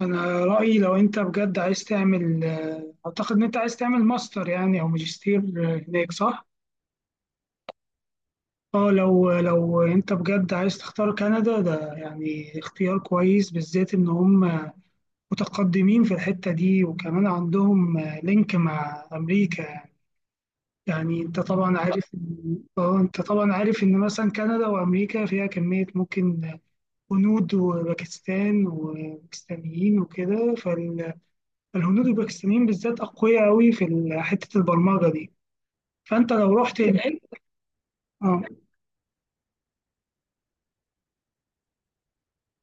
انا رايي لو انت بجد عايز تعمل اعتقد ان انت عايز تعمل ماستر يعني او ماجستير هناك صح. لو انت بجد عايز تختار كندا ده يعني اختيار كويس، بالذات ان هم متقدمين في الحته دي، وكمان عندهم لينك مع امريكا يعني. يعني انت طبعا عارف انت طبعا عارف ان مثلا كندا وامريكا فيها كميه ممكن هنود وباكستان وباكستانيين وكده. الهنود والباكستانيين بالذات أقوياء أوي في حتة البرمجة دي، فأنت لو رحت هناك. اه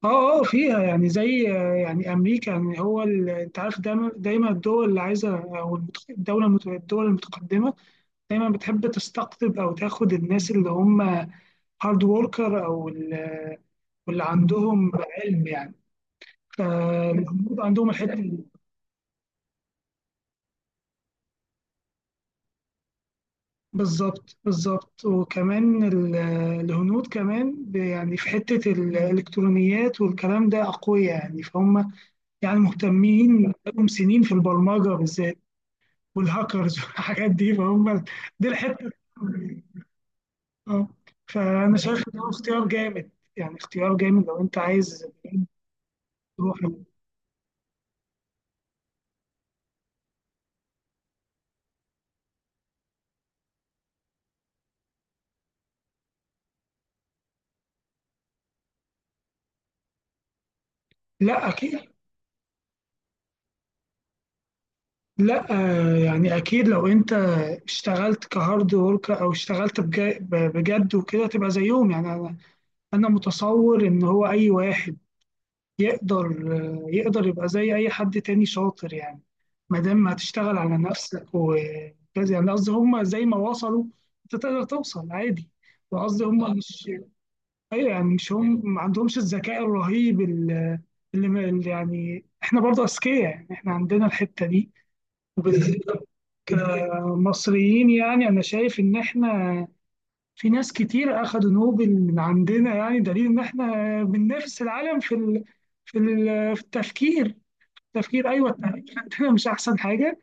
اه، اه فيها يعني زي يعني أمريكا يعني هو أنت عارف، دايما الدول اللي عايزة، أو الدول المتقدمة دايما بتحب تستقطب أو تاخد الناس اللي هم هارد وركر، أو واللي عندهم علم يعني. فالهنود عندهم الحتة. بالظبط بالظبط. وكمان الهنود كمان يعني في حتة الإلكترونيات والكلام ده أقوياء يعني، فهم يعني مهتمين لهم سنين في البرمجة بالذات، والهاكرز والحاجات دي، فهم دي الحتة. اه. فأنا شايف إن هو اختيار جامد. يعني اختيار جامد لو أنت عايز تروح. لا أكيد، لا يعني أكيد لو أنت اشتغلت كهارد ورك، أو اشتغلت بجد وكده تبقى زيهم يعني. انا متصور ان هو اي واحد يقدر، يقدر يبقى زي اي حد تاني شاطر يعني. ما دام هتشتغل على نفسك وكذا يعني، قصدي هم زي ما وصلوا انت تقدر توصل عادي. وقصدي هم مش، ايوه يعني مش هم ما عندهمش الذكاء الرهيب اللي، اللي يعني احنا برضه اذكياء يعني، احنا عندنا الحتة دي وبالذات كمصريين. يعني انا شايف ان احنا، في ناس كتير أخدوا نوبل من عندنا، يعني دليل إن إحنا بننافس العالم في ال... في ال... في التفكير. التفكير، أيوه التفكير عندنا مش أحسن حاجة،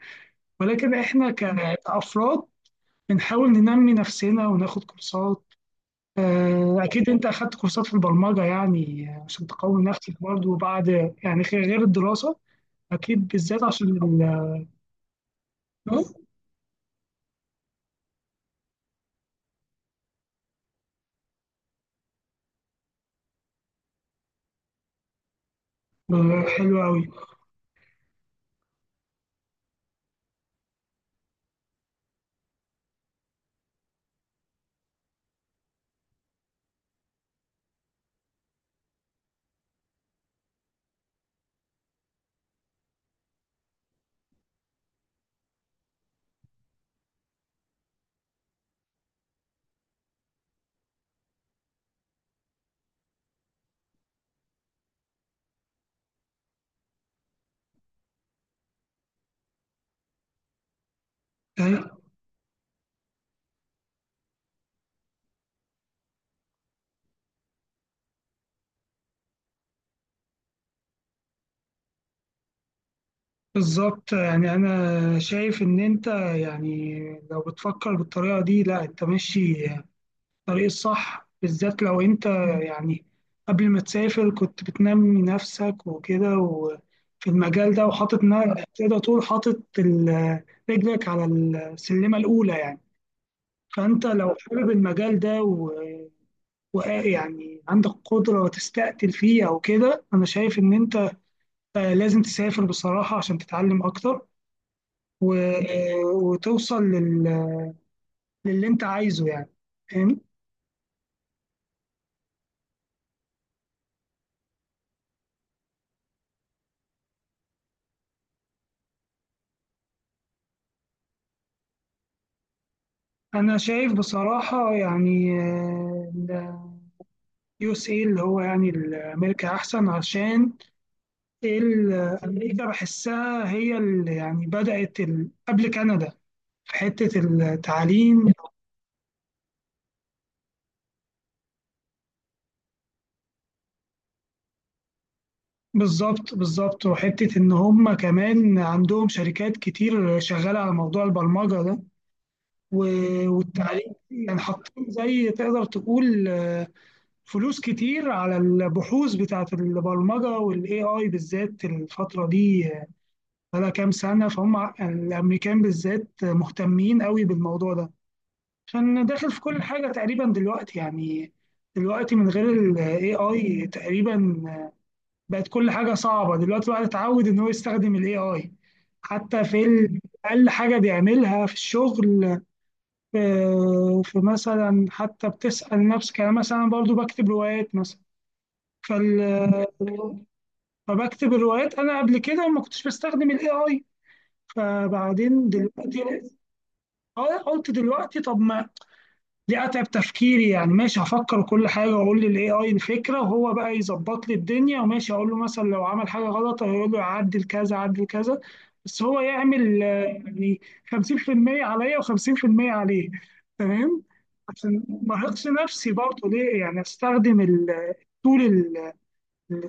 ولكن إحنا كأفراد بنحاول ننمي نفسنا وناخد كورسات. أكيد أنت أخدت كورسات في البرمجة يعني عشان تقوي نفسك برضه بعد، يعني غير الدراسة، أكيد بالذات عشان ال... حلو أوي. طيب، بالظبط يعني انا شايف ان انت، يعني لو بتفكر بالطريقه دي، لا انت ماشي الطريق الصح. بالذات لو انت يعني قبل ما تسافر كنت بتنمي نفسك وكده وفي المجال ده، وحاطط تقدر تقول حاطط رجلك على السلمه الاولى يعني. فانت لو حابب المجال ده ويعني عندك قدره وتستقتل فيه او كده، انا شايف ان انت لازم تسافر بصراحه عشان تتعلم اكتر وتوصل لل... للي انت عايزه يعني، فاهم. انا شايف بصراحة يعني يو اس اي اللي هو يعني امريكا احسن، عشان ال- امريكا بحسها هي اللي يعني بدأت ال... قبل كندا في حتة التعليم. بالظبط بالظبط. وحتة إن هم كمان عندهم شركات كتير شغالة على موضوع البرمجة ده، والتعليم يعني حاطين، زي تقدر تقول، فلوس كتير على البحوث بتاعة البرمجة والاي اي بالذات الفترة دي، بقالها كام سنة. فهم الامريكان بالذات مهتمين قوي بالموضوع ده، عشان داخل في كل حاجة تقريبا دلوقتي يعني. دلوقتي من غير الاي اي تقريبا بقت كل حاجة صعبة، دلوقتي الواحد اتعود ان هو يستخدم الاي اي حتى في اقل حاجة بيعملها في الشغل. في مثلا، حتى بتسأل نفسك، انا مثلا برضو بكتب روايات مثلا، فال... فبكتب الروايات، انا قبل كده ما كنتش بستخدم الاي اي، فبعدين دلوقتي قلت دلوقتي طب ما دي اتعب تفكيري يعني، ماشي هفكر وكل حاجه واقول للاي اي الفكره، وهو بقى يظبط لي الدنيا، وماشي اقول له مثلا لو عمل حاجه غلط هيقول له عدل كذا عدل كذا. بس هو يعمل يعني 50% عليا و50% عليه. تمام، عشان ما ارهقش نفسي برضه، ليه يعني؟ استخدم التول اللي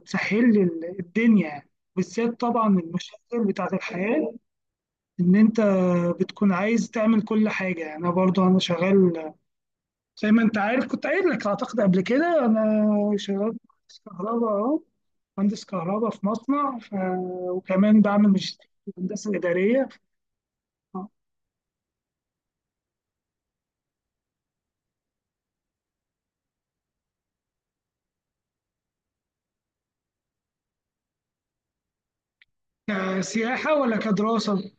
تسهل لي الدنيا يعني، بالذات طبعا المشاغل بتاعت الحياة. إن أنت بتكون عايز تعمل كل حاجة يعني. أنا برضو أنا شغال، زي ما أنت عارف كنت قايل لك أعتقد قبل كده، أنا شغال مهندس كهرباء أهو، مهندس كهرباء في مصنع ف... وكمان بعمل ماجستير في الهندسة الإدارية. كسياحة ولا كدراسة؟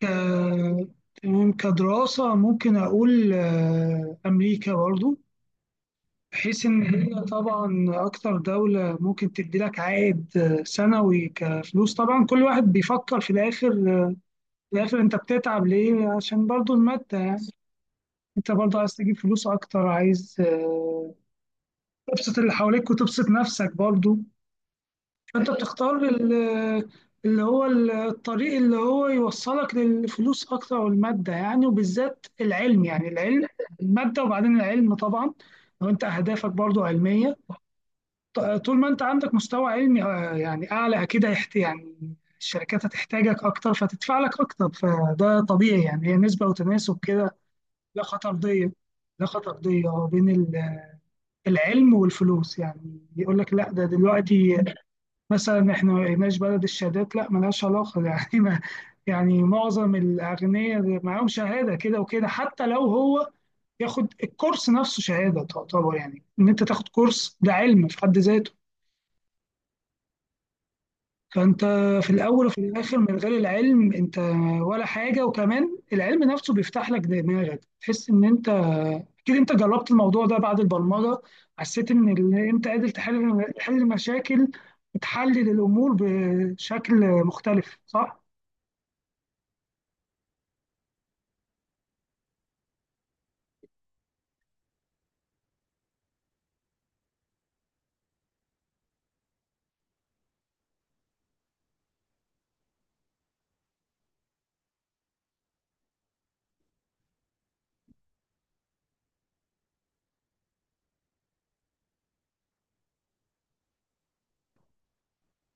ك... تمام، كدراسة ممكن أقول أمريكا برضو، بحيث إن هي طبعا أكتر دولة ممكن تدي لك عائد سنوي كفلوس. طبعا كل واحد بيفكر في الآخر، في الآخر أنت بتتعب ليه؟ عشان برضو المادة. أنت برضو عايز تجيب فلوس أكتر، عايز تبسط اللي حواليك وتبسط نفسك برضو. فأنت بتختار اللي هو الطريق اللي هو يوصلك للفلوس أكتر والمادة يعني، وبالذات العلم يعني. العلم، المادة وبعدين العلم طبعا. لو أنت أهدافك برضو علمية، طول ما انت عندك مستوى علمي يعني اعلى، اكيد هيحت يعني الشركات هتحتاجك اكتر فتدفع لك اكتر، فده طبيعي يعني، هي نسبة وتناسب كده. لا خطردية، لا خطردية بين العلم والفلوس، يعني يقول لك لا ده دلوقتي مثلا احنا ما بقيناش بلد الشهادات، لا ملهاش علاقة يعني، ما يعني معظم الاغنياء معاهم شهادة كده وكده، حتى لو هو ياخد الكورس نفسه شهادة، تعتبر يعني ان انت تاخد كورس ده علم في حد ذاته. فانت في الاول وفي الاخر من غير العلم انت ولا حاجه. وكمان العلم نفسه بيفتح لك دماغك، تحس ان انت، اكيد انت جربت الموضوع ده بعد البرمجه، حسيت ان انت قادر تحل، تحل مشاكل وتحلل الامور بشكل مختلف، صح؟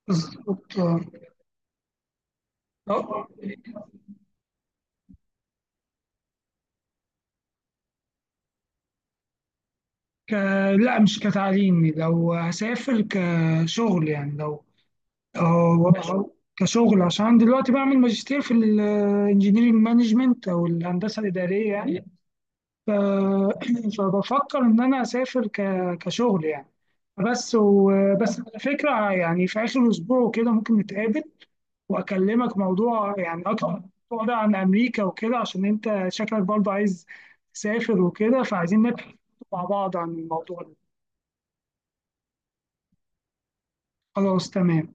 بالظبط. آه. ك... لا مش كتعليم، لو هسافر كشغل يعني، لو اه وانا صغير، كشغل عشان أنا دلوقتي بعمل ماجستير في الانجينيرنج مانجمنت او الهندسه الاداريه يعني، ف... فبفكر ان انا اسافر ك... كشغل يعني بس. وبس على فكره، يعني في اخر اسبوع وكده ممكن نتقابل واكلمك موضوع يعني اكتر، موضوع ده عن امريكا وكده، عشان انت شكلك برضه عايز تسافر وكده، فعايزين نبحث مع بعض عن الموضوع ده. خلاص تمام.